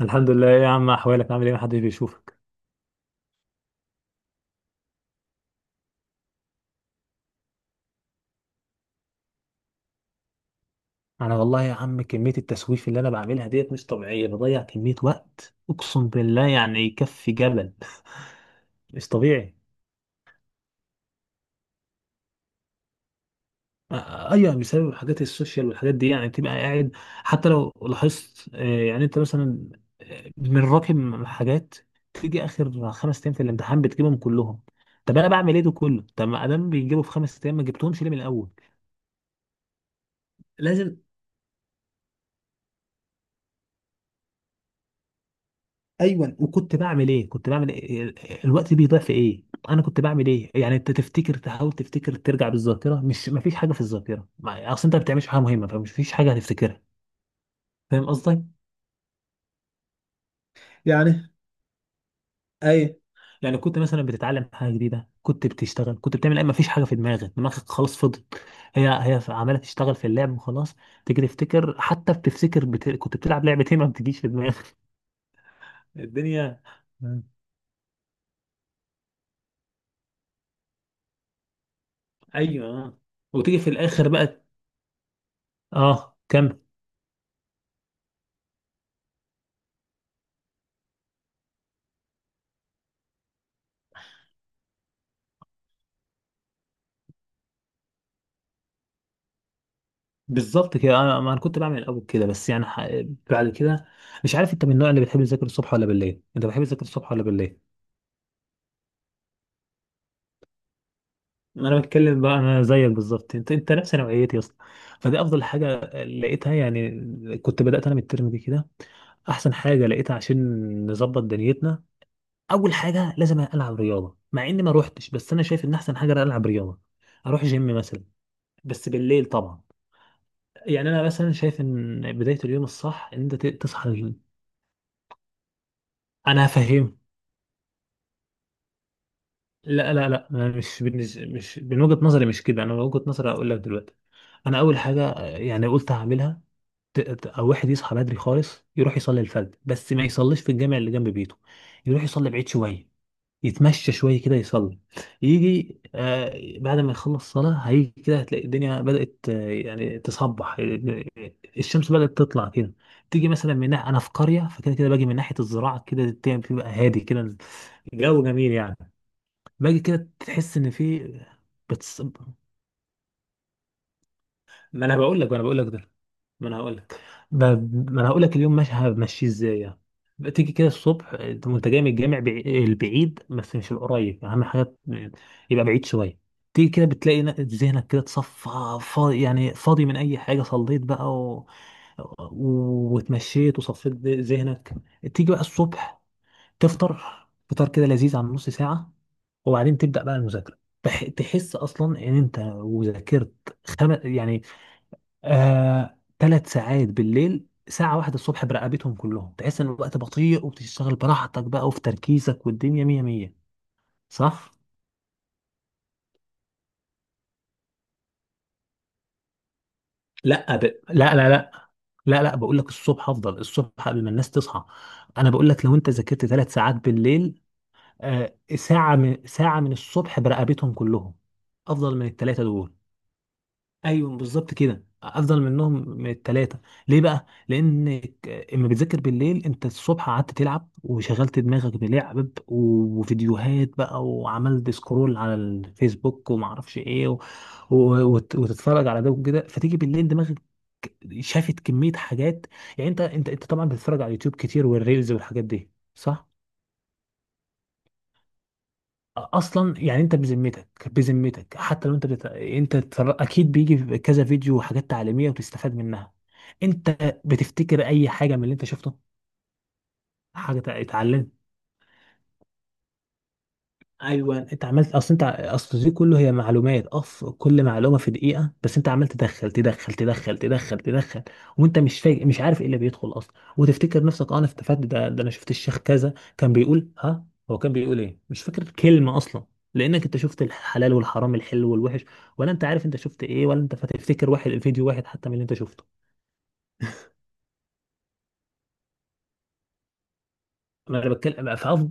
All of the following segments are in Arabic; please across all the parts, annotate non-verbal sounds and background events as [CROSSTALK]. الحمد لله، إيه يا عم؟ احوالك عامل ايه؟ محدش بيشوفك. انا والله يا عم، كمية التسويف اللي انا بعملها ديت مش طبيعية. بضيع كمية وقت اقسم بالله يعني يكفي جبل. [LAUGHS] مش طبيعي. ايوه يعني بسبب حاجات السوشيال والحاجات دي يعني بتبقى قاعد. حتى لو لاحظت، يعني انت مثلا، من راكم حاجات. تيجي اخر خمس ايام في الامتحان بتجيبهم كلهم. طب انا بعمل ايه ده كله؟ طب ما ادام بيجيبوا في خمس ايام ما جبتهمش ليه من الاول؟ لازم. ايوه، وكنت بعمل ايه؟ كنت بعمل إيه؟ الوقت بيضيع في ايه؟ انا كنت بعمل ايه؟ يعني انت تفتكر، تحاول تفتكر، ترجع بالذاكره مش ما فيش حاجه في الذاكره، اصل انت ما بتعملش حاجه مهمه فمش فيش حاجه هتفتكرها. فاهم قصدي؟ يعني اي، يعني كنت مثلا بتتعلم حاجه جديده، كنت بتشتغل، كنت بتعمل ايه؟ ما فيش حاجه في دماغك، دماغك خلاص فضت. هي هي عماله تشتغل في اللعب وخلاص. تيجي تفتكر، حتى بتفتكر كنت بتلعب لعبه ايه ما بتجيش في دماغك. [LAUGHS] الدنيا. ايوه، وتيجي في الاخر بقى. اه كمل. بالظبط كده، انا ما انا كنت بعمل الاول كده بس يعني بعد كده. مش عارف انت من النوع اللي بتحب تذاكر الصبح ولا بالليل؟ انت بتحب تذاكر الصبح ولا بالليل؟ انا بتكلم بقى، انا زيك بالظبط، انت نفس نوعيتي يا اسطى. فدي افضل حاجه لقيتها يعني. كنت بدات انا من الترم دي كده، احسن حاجه لقيتها عشان نظبط دنيتنا. اول حاجه لازم العب رياضه، مع اني ما روحتش، بس انا شايف ان احسن حاجه العب رياضه، اروح جيم مثلا، بس بالليل طبعا. يعني انا مثلا شايف ان بدايه اليوم الصح ان انت تصحى الجيم. انا هفهمك. لا لا لا، أنا مش مش من وجهة نظري، مش كده. انا من وجهة نظري اقول لك دلوقتي، انا اول حاجة، يعني قلت هعملها. او واحد يصحى بدري خالص، يروح يصلي الفجر بس ما يصليش في الجامع اللي جنب بيته، يروح يصلي بعيد شوية، يتمشى شوية كده يصلي، يجي بعد ما يخلص صلاة هيجي كده، هتلاقي الدنيا بدأت، يعني تصبح، الشمس بدأت تطلع كده. تيجي مثلا من ناحية، أنا في قرية، فكده كده باجي من ناحية الزراعة كده، الدنيا بتبقى هادي كده، جو جميل يعني. باجي كده تحس ان في بتص... ما انا بقول لك، ده ما انا هقول لك. ب... ما انا هقول لك اليوم ماشي همشيه ازاي يعني. تيجي كده الصبح انت وانت جاي من الجامع، البعيد بس مش القريب، اهم حاجه يبقى بعيد شويه. تيجي كده بتلاقي ذهنك كده اتصفى، فاضي يعني، فاضي من اي حاجه. صليت بقى واتمشيت وصفيت ذهنك. تيجي بقى الصبح تفطر، فطار كده لذيذ عن نص ساعه، وبعدين تبدأ بقى المذاكرة. تحس أصلا إن أنت وذاكرت، يعني، ثلاث ساعات بالليل ساعة واحدة الصبح برقبتهم كلهم. تحس إن الوقت بطيء وبتشتغل براحتك بقى وفي تركيزك والدنيا مية مية. صح؟ لا. لا. لا لا بقول لك الصبح أفضل، الصبح قبل ما الناس تصحى. أنا بقول لك لو أنت ذاكرت ثلاث ساعات بالليل، ساعة من الصبح برقبتهم كلهم، أفضل من الثلاثة دول. ايوه بالظبط كده، افضل منهم من التلاتة. ليه بقى؟ لانك اما بتذاكر بالليل، انت الصبح قعدت تلعب وشغلت دماغك بلعب وفيديوهات بقى، وعملت سكرول على الفيسبوك، وما اعرفش ايه و... وتتفرج على ده وكده. فتيجي بالليل دماغك شافت كمية حاجات. يعني انت انت طبعا بتتفرج على اليوتيوب كتير والريلز والحاجات دي، صح؟ اصلا يعني انت بذمتك، بذمتك، حتى لو انت اكيد بيجي في كذا فيديو وحاجات تعليميه وتستفاد منها، انت بتفتكر اي حاجه من اللي انت شفته؟ حاجه اتعلمت؟ ايوه انت عملت، اصل انت، اصل دي كله هي معلومات، اف كل معلومه في دقيقه، بس انت عمال تدخل تدخل وانت مش فايق، مش عارف ايه اللي بيدخل اصلا، وتفتكر نفسك اه انا استفدت، ده ده انا شفت الشيخ كذا كان بيقول ها. هو كان بيقول ايه؟ مش فاكر كلمه اصلا. لانك انت شفت الحلال والحرام، الحلو والوحش، ولا انت عارف انت شفت ايه؟ ولا انت فتفتكر واحد فيديو واحد حتى من اللي انت شفته؟ ما انا بتكلم، فافضل،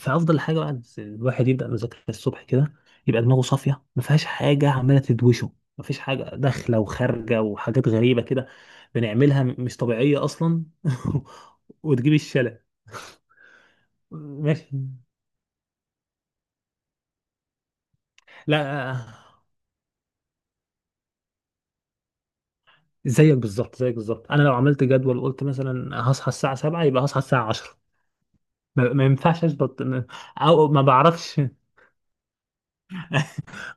فافضل حاجه بعد الواحد يبدا مذاكره الصبح كده، يبقى دماغه صافيه، ما فيهاش حاجه عماله تدوشه، ما فيش حاجه داخله وخارجه وحاجات غريبه كده بنعملها مش طبيعيه اصلا. [LAUGHS] وتجيب الشلل. ماشي. لا، زيك بالظبط، زيك بالظبط. انا لو عملت جدول وقلت مثلا هصحى الساعه 7، يبقى هصحى الساعه 10. ما ينفعش اظبط او ما بعرفش.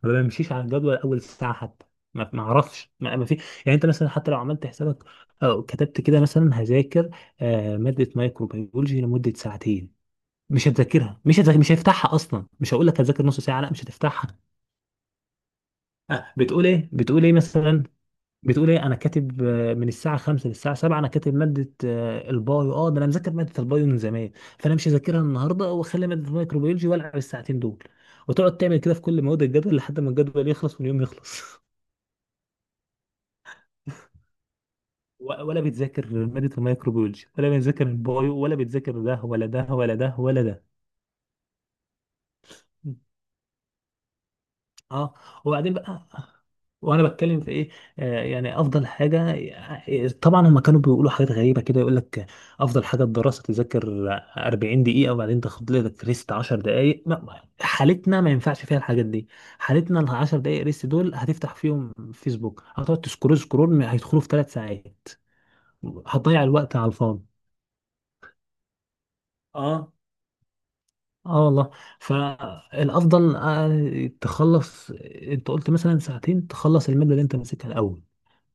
ما بمشيش على الجدول اول ساعه حتى، ما اعرفش، ما في. يعني انت مثلا حتى لو عملت حسابك او كتبت كده مثلا هذاكر، ماده مايكروبيولوجي لمده ساعتين، مش هتذاكرها، مش هتذاكر، مش هفتحها اصلا. مش هقول لك هتذاكر نص ساعه، لا مش هتفتحها. بتقول ايه؟ بتقول ايه مثلا؟ بتقول ايه؟ انا كاتب، من الساعه 5 للساعه 7 انا كاتب ماده، البايو، اه ده انا مذاكر ماده البايو من زمان، فانا مش هذاكرها النهارده، واخلي ماده الميكروبيولوجي والعب الساعتين دول. وتقعد تعمل كده في كل مواد الجدول لحد ما الجدول يخلص واليوم يخلص. ولا بتذاكر مادة الميكروبيولوجي، ولا بتذاكر البايو، ولا بتذاكر ده ولا ده ولا ده ولا ده. اه. وبعدين بقى، وانا بتكلم في ايه؟ يعني افضل حاجه، طبعا هم كانوا بيقولوا حاجات غريبه كده، يقول لك افضل حاجه الدراسه تذاكر 40 دقيقه وبعدين تاخد لك ريست 10 دقائق. حالتنا ما ينفعش فيها الحاجات دي. حالتنا ال 10 دقائق ريست دول هتفتح فيهم فيسبوك، هتقعد تسكرول سكرول، هيدخلوا في ثلاث ساعات. هتضيع الوقت على الفاضي. اه، اه والله. فالافضل، تخلص. انت قلت مثلا ساعتين تخلص الماده اللي انت ماسكها الاول.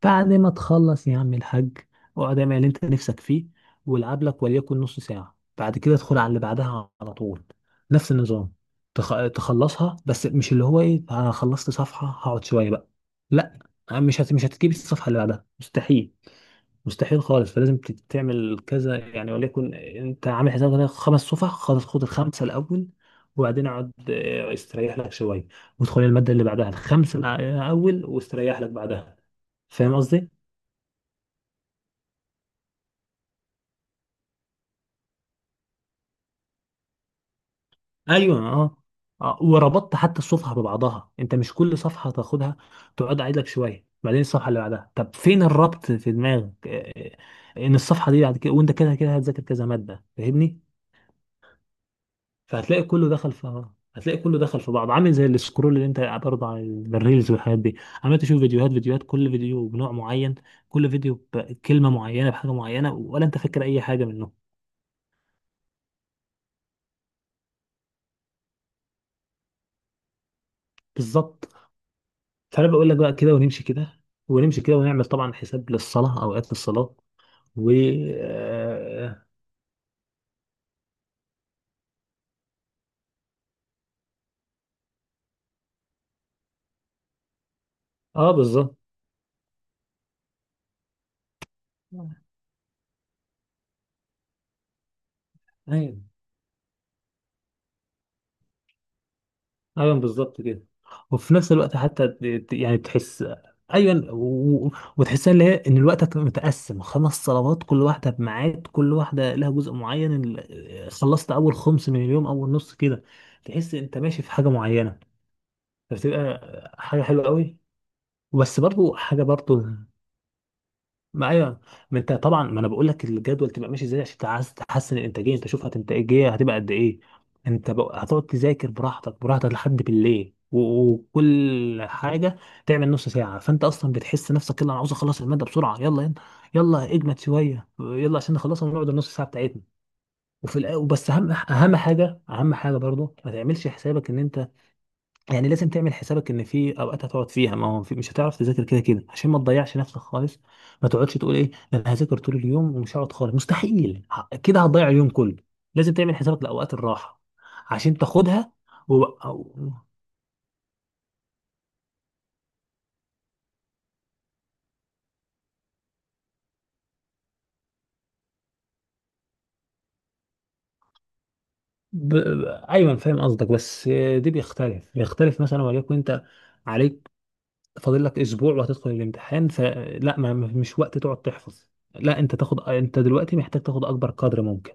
بعد ما تخلص يا عم الحاج، اقعد اعمل اللي انت نفسك فيه، والعب لك وليكن نص ساعه، بعد كده ادخل على اللي بعدها على طول، نفس النظام. تخلصها، بس مش اللي هو ايه انا خلصت صفحه هقعد شويه بقى، لا. مش هتجيب الصفحه اللي بعدها، مستحيل، مستحيل خالص. فلازم تعمل كذا يعني. وليكن انت عامل حسابك هنا خمس صفح، خلاص خد الخمسه الاول، وبعدين اقعد استريح لك شويه، وادخل الماده اللي بعدها الخمسه الاول، واستريح لك بعدها. فاهم قصدي؟ ايوه، اه. اه، وربطت حتى الصفحه ببعضها. انت مش كل صفحه تاخدها، تقعد قاعد لك شويه، بعدين الصفحه اللي بعدها، طب فين الربط في دماغك؟ اه، اه، ان الصفحه دي بعد كده، وانت كده كده هتذاكر كذا ماده، فاهمني؟ فهتلاقي كله دخل في، هتلاقي كله دخل في بعض، عامل زي السكرول اللي انت برضه على الريلز والحاجات دي، عمال تشوف فيديوهات فيديوهات، كل فيديو بنوع معين، كل فيديو بكلمة معينة بحاجة معينة، ولا انت فاكر اي حاجة منه؟ بالظبط. فانا بقول لك بقى كده ونمشي كده، ونمشي كده، ونعمل طبعا حساب للصلاة، اوقات للصلاة. و اه آه، بالظبط. أيوة. ايوه بالظبط كده. وفي نفس الوقت حتى يعني تحس، ايوه و- و- وتحسها اللي هي ان الوقت هتبقى متقسم خمس صلوات، كل واحده بميعاد، كل واحده لها جزء معين. خلصت اول خمس من اليوم، اول نص كده تحس انت ماشي في حاجه معينه. فبتبقى حاجه حلوه قوي. بس برضو حاجه برضو، ما ايوه. ما انت طبعا، ما انا بقول لك الجدول تبقى ماشي ازاي عشان انت عايز تحسن الانتاجيه، انت شوف هتنتاجيه هتبقى قد ايه. انت بقى هتقعد تذاكر براحتك براحتك لحد بالليل وكل حاجه تعمل نص ساعه، فانت اصلا بتحس نفسك يلا انا عاوز اخلص الماده بسرعه، يلا يلا يلا اجمد شويه يلا عشان نخلصها ونقعد النص ساعه بتاعتنا. بس اهم حاجه، اهم حاجه برضو ما تعملش حسابك ان انت، يعني لازم تعمل حسابك ان في اوقات هتقعد فيها ما هو في مش هتعرف تذاكر كده كده، عشان ما تضيعش نفسك خالص. ما تقعدش تقول ايه ده انا هذاكر طول اليوم ومش هقعد خالص، مستحيل، كده هتضيع اليوم كله. لازم تعمل حسابك لاوقات الراحه عشان تاخدها. و... أو... ب... ب... ايوه أنا فاهم قصدك. بس دي بيختلف، بيختلف مثلا. وليكن انت عليك فاضل لك اسبوع وهتدخل الامتحان، فلا مش وقت تقعد تحفظ، لا. انت تاخد، انت دلوقتي محتاج تاخد اكبر قدر ممكن.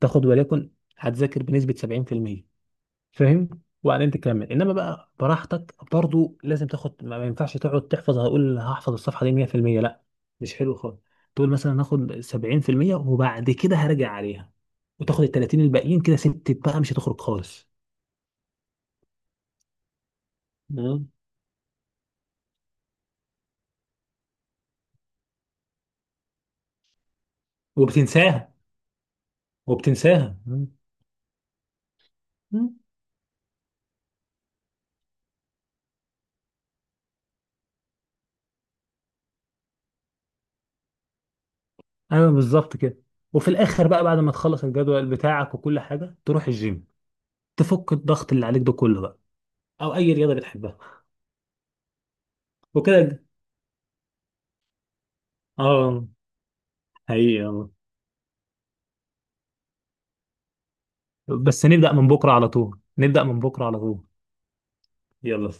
تاخد وليكن هتذاكر بنسبة 70%، فاهم؟ وبعدين تكمل انما بقى براحتك. برضو لازم تاخد، ما ينفعش تقعد تحفظ هقول هحفظ الصفحة دي 100%، لا، مش حلو خالص. تقول مثلا هاخد 70% وبعد كده هرجع عليها، وتاخد ال 30 الباقيين كده ستة بقى، مش هتخرج خالص. مم. وبتنساها. وبتنساها. مم. ايوه بالظبط كده. وفي الاخر بقى بعد ما تخلص الجدول بتاعك وكل حاجه، تروح الجيم، تفك الضغط اللي عليك ده كله بقى، او اي رياضه بتحبها، وكده. اه. حقيقي والله. بس نبدا من بكره على طول، نبدا من بكره على طول. يلا.